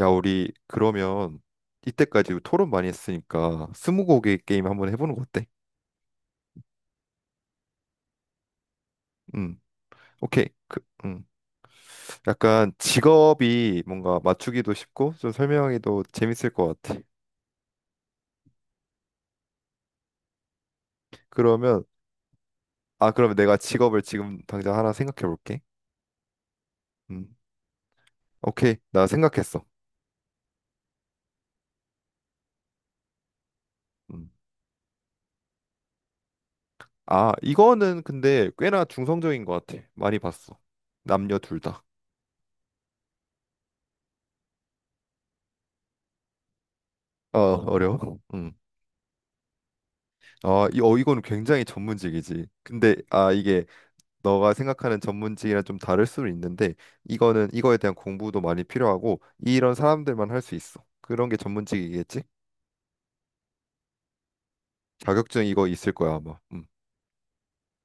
야, 우리 그러면 이때까지 토론 많이 했으니까 스무고개 게임 한번 해보는 거 어때? 음, 오케이. 약간 직업이 뭔가 맞추기도 쉽고 좀 설명하기도 재밌을 것 같아. 그러면 그러면 내가 직업을 지금 당장 하나 생각해 볼게. 음, 오케이. 나 생각했어. 음. 아, 이거는 근데 꽤나 중성적인 것 같아. 많이 봤어. 남녀 둘 다. 어, 어려워. 음. 아, 이거는 굉장히 전문직이지. 근데 아, 이게 너가 생각하는 전문직이랑 좀 다를 수는 있는데 이거는 이거에 대한 공부도 많이 필요하고 이런 사람들만 할 수 있어. 그런 게 전문직이겠지? 자격증 이거 있을 거야 아마.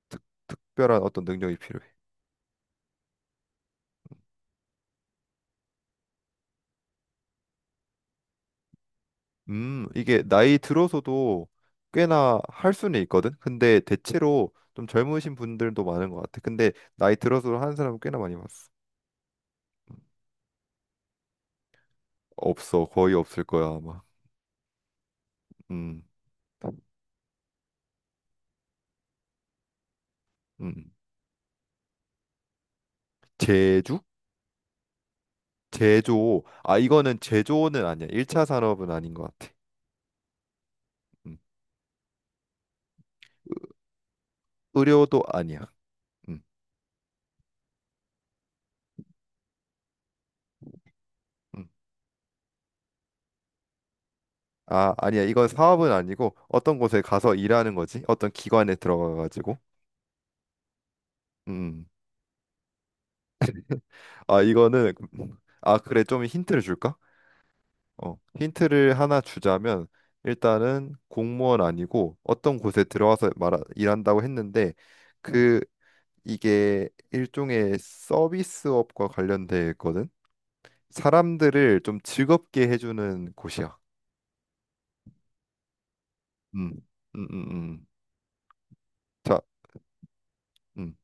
특, 특별한 어떤 능력이 필요해. 이게 나이 들어서도 꽤나 할 수는 있거든. 근데 대체로 좀 젊으신 분들도 많은 것 같아. 근데 나이 들어서 하는 사람 은 꽤나 많이 봤어. 없어, 거의 없을 거야 아마. 음, 음, 제주? 제조. 아, 이거는 제조는 아니야. 1차 산업은 아닌 것 같아. 음. 의료도 아니야. 음, 음. 아, 아니야. 이건 사업은 아니고 어떤 곳에 가서 일하는 거지? 어떤 기관에 들어가가지고. 음. 음. 아, 이거는 그래. 좀 힌트를 줄까? 어, 힌트를 하나 주자면 일단은 공무원 아니고 어떤 곳에 들어와서 말 일한다고 했는데 그 이게 일종의 서비스업과 관련돼 있거든. 사람들을 좀 즐겁게 해주는 곳이야. 음, 음, 음, 음. 자, 음.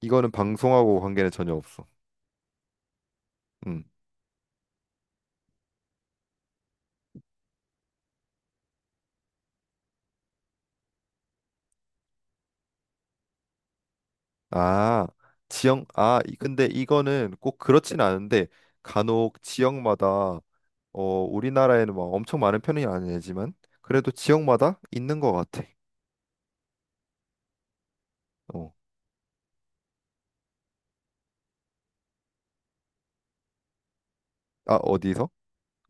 이거는 방송하고 관계는 전혀 없어. 음. 아, 지역, 근데 이거는 꼭 그렇진 않은데, 간혹 지역마다, 우리나라에는 막 엄청 많은 편이 아니지만, 그래도 지역마다 있는 것 같아. 어, 아, 어디서?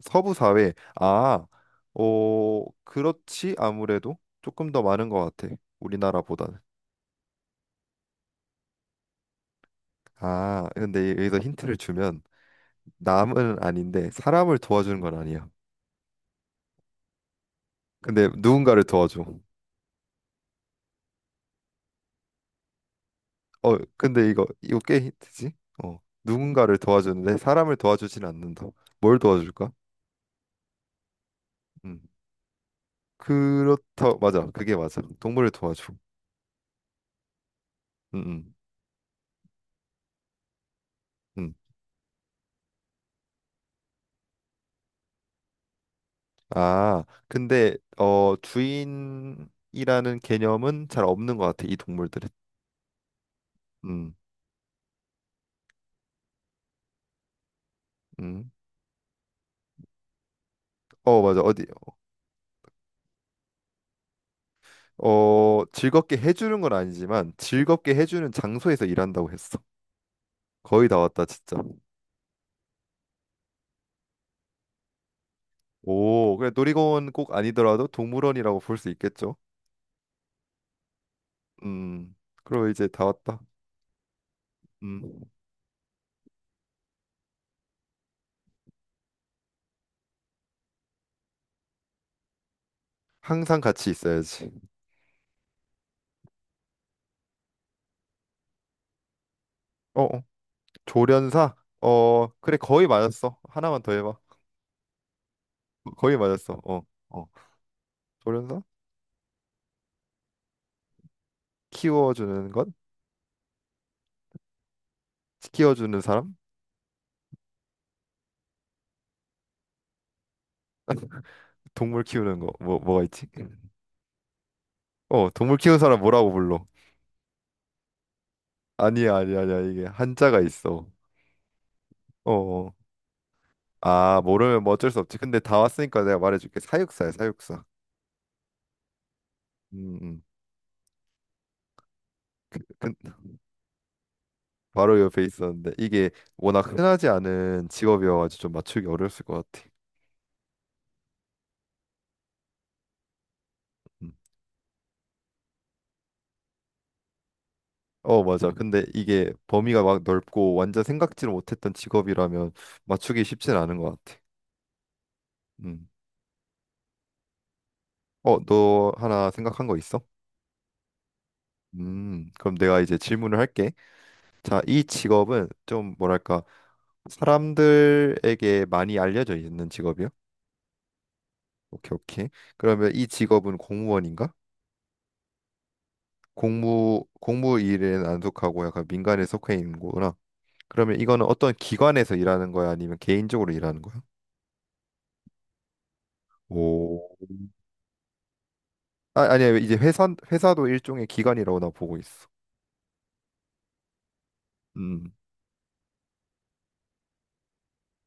서부 사회. 아, 어, 그렇지, 아무래도 조금 더 많은 것 같아. 우리나라보다는. 아, 근데 여기서 힌트를 주면, 남은 아닌데, 사람을 도와주는 건 아니야. 근데 누군가를 도와줘. 어, 근데 이거 꽤 힌트지? 어, 누군가를 도와주는데 사람을 도와주진 않는다. 뭘 도와줄까? 음, 그렇다. 맞아, 그게 맞아. 동물을 도와줘. 음, 음, 음. 아, 근데 주인이라는 개념은 잘 없는 것 같아 이 동물들은. 음, 음. 어, 맞아. 어디? 어, 즐겁게 해주는 건 아니지만 즐겁게 해주는 장소에서 일한다고 했어. 거의 다 왔다, 진짜. 오, 그래 놀이공원 꼭 아니더라도 동물원이라고 볼 수 있겠죠? 음, 그럼 이제 다 왔다. 음, 항상 같이 있어야지. 어, 어. 조련사? 어, 그래, 거의 맞았어. 하나만 더 해봐. 거의 맞았어. 어, 어. 조련사? 키워주는 것? 키워주는 사람? 동물 키우는 거. 뭐, 뭐가 있지? 어, 동물 키우는 사람 뭐라고 불러? 아니야, 아니야, 아니야. 이게 한자가 있어. 어, 어. 아, 모르면 뭐 어쩔 수 없지. 근데 다 왔으니까 내가 말해줄게. 사육사야, 사육사. 음, 음. 그, 그, 바로 옆에 있었는데 이게 워낙 흔하지 않은 직업이어가지고 좀 맞추기 어려웠을 것 같아. 음. 어 맞아. 음. 근데 이게 범위가 막 넓고 완전 생각지를 못했던 직업이라면 맞추기 쉽진 않은 것 같아. 음. 어, 너 하나 생각한 거 있어? 그럼 내가 이제 질문을 할게. 자, 이 직업은 좀 뭐랄까 사람들에게 많이 알려져 있는 직업이야? 오케이, 오케이. 그러면 이 직업은 공무원인가? 공무 일에는 안 속하고 약간 민간에 속해 있는 거구나. 그러면 이거는 어떤 기관에서 일하는 거야? 아니면 개인적으로 일하는 거야? 오, 아, 아니야. 이제 회사도 일종의 기관이라고 나 보고 있어. 음.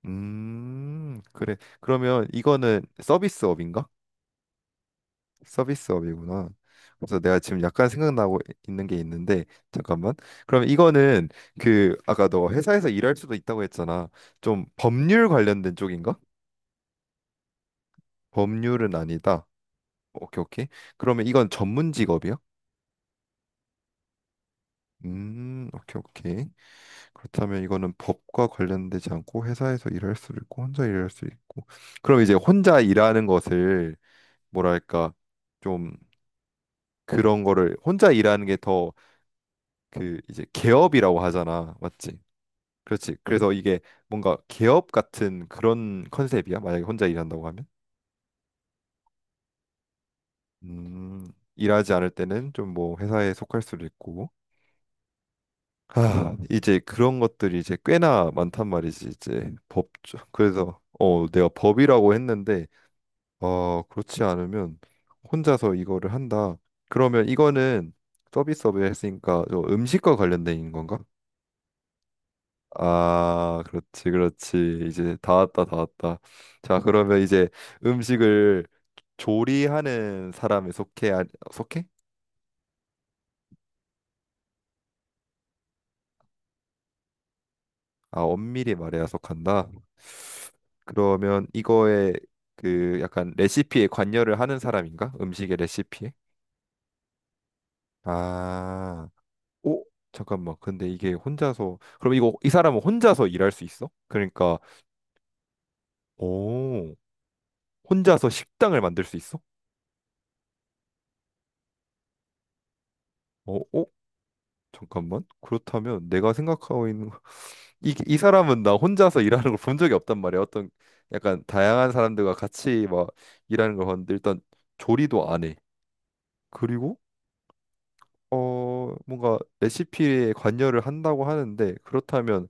그래. 그러면 이거는 서비스업인가? 서비스업이구나. 그래서 내가 지금 약간 생각나고 있는 게 있는데 잠깐만. 그러면 이거는 아까 너 회사에서 일할 수도 있다고 했잖아. 좀 법률 관련된 쪽인가? 법률은 아니다. 오케이, 오케이. 그러면 이건 전문 직업이야? 오케이, 오케이. 그렇다면 이거는 법과 관련되지 않고 회사에서 일할 수도 있고 혼자 일할 수도 있고. 그럼 이제 혼자 일하는 것을 뭐랄까 좀 그런 거를 혼자 일하는 게 더 그 이제 개업이라고 하잖아. 맞지? 그렇지. 그래서 이게 뭔가 개업 같은 그런 컨셉이야. 만약에 혼자 일한다고 하면. 음, 일하지 않을 때는 좀 뭐 회사에 속할 수도 있고 아, 이제 그런 것들이 이제 꽤나 많단 말이지, 이제 법, 그래서, 내가 법이라고 했는데, 어, 그렇지 않으면 혼자서 이거를 한다. 그러면 이거는 서비스업에 했으니까 음식과 관련된 건가? 아, 그렇지, 그렇지. 이제 다 왔다, 다 왔다. 자, 그러면 이제 음식을 조리하는 사람에 속해, 속해? 아, 엄밀히 말해야 속한다. 그러면 이거에 약간 레시피에 관여를 하는 사람인가? 음식의 레시피에? 아, 오, 잠깐만. 근데 이게 혼자서 그럼 이거 이 사람은 혼자서 일할 수 있어? 그러니까 오, 혼자서 식당을 만들 수 있어? 어, 어? 잠깐만. 그렇다면 내가 생각하고 있는 이 사람은 나 혼자서 일하는 걸 본 적이 없단 말이야. 어떤 약간 다양한 사람들과 같이 막 일하는 걸 봤는데 일단 조리도 안 해. 그리고 뭔가 레시피에 관여를 한다고 하는데 그렇다면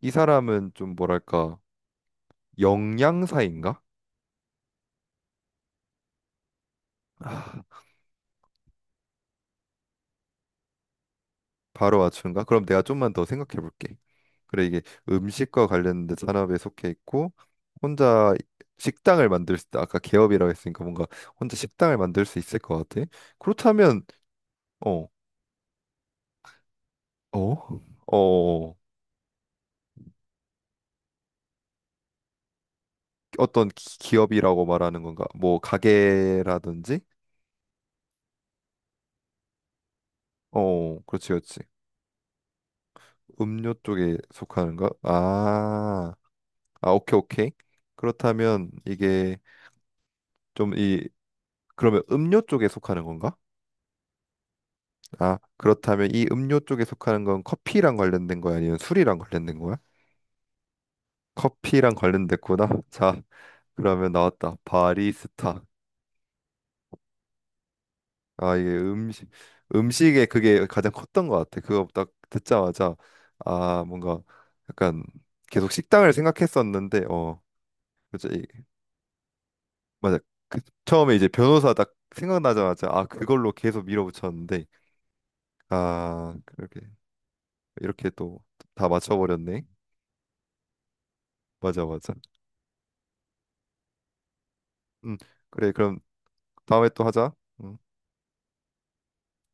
이 사람은 좀 뭐랄까 영양사인가? 아, 바로 맞춘가? 그럼 내가 좀만 더 생각해 볼게. 그래 이게 음식과 관련된 산업에 속해 있고 혼자 식당을 만들 수 있다. 아까 개업이라고 했으니까 뭔가 혼자 식당을 만들 수 있을 것 같아. 그렇다면 어, 어, 어, 어떤 기업이라고 말하는 건가? 뭐 가게라든지? 어, 그렇지, 그렇지. 음료 쪽에 속하는가? 아, 아, 오케이, 오케이. 그렇다면 좀 이, 그러면 음료 쪽에 속하는 건가? 아, 그렇다면 이 음료 쪽에 속하는 건 커피랑 관련된 거야? 아니면 술이랑 관련된 거야? 커피랑 관련됐구나. 자, 그러면 나왔다. 바리스타. 아, 이게 음식에 그게 가장 컸던 것 같아. 그거 딱 듣자마자, 아, 뭔가 약간 계속 식당을 생각했었는데, 어, 그치? 맞아. 처음에 이제 변호사 딱 생각나자마자 아 그걸로 계속 밀어붙였는데 아 그렇게 이렇게 또 다 맞춰버렸네. 맞아 맞아. 음 그래 그럼 다음에 또 하자. 음.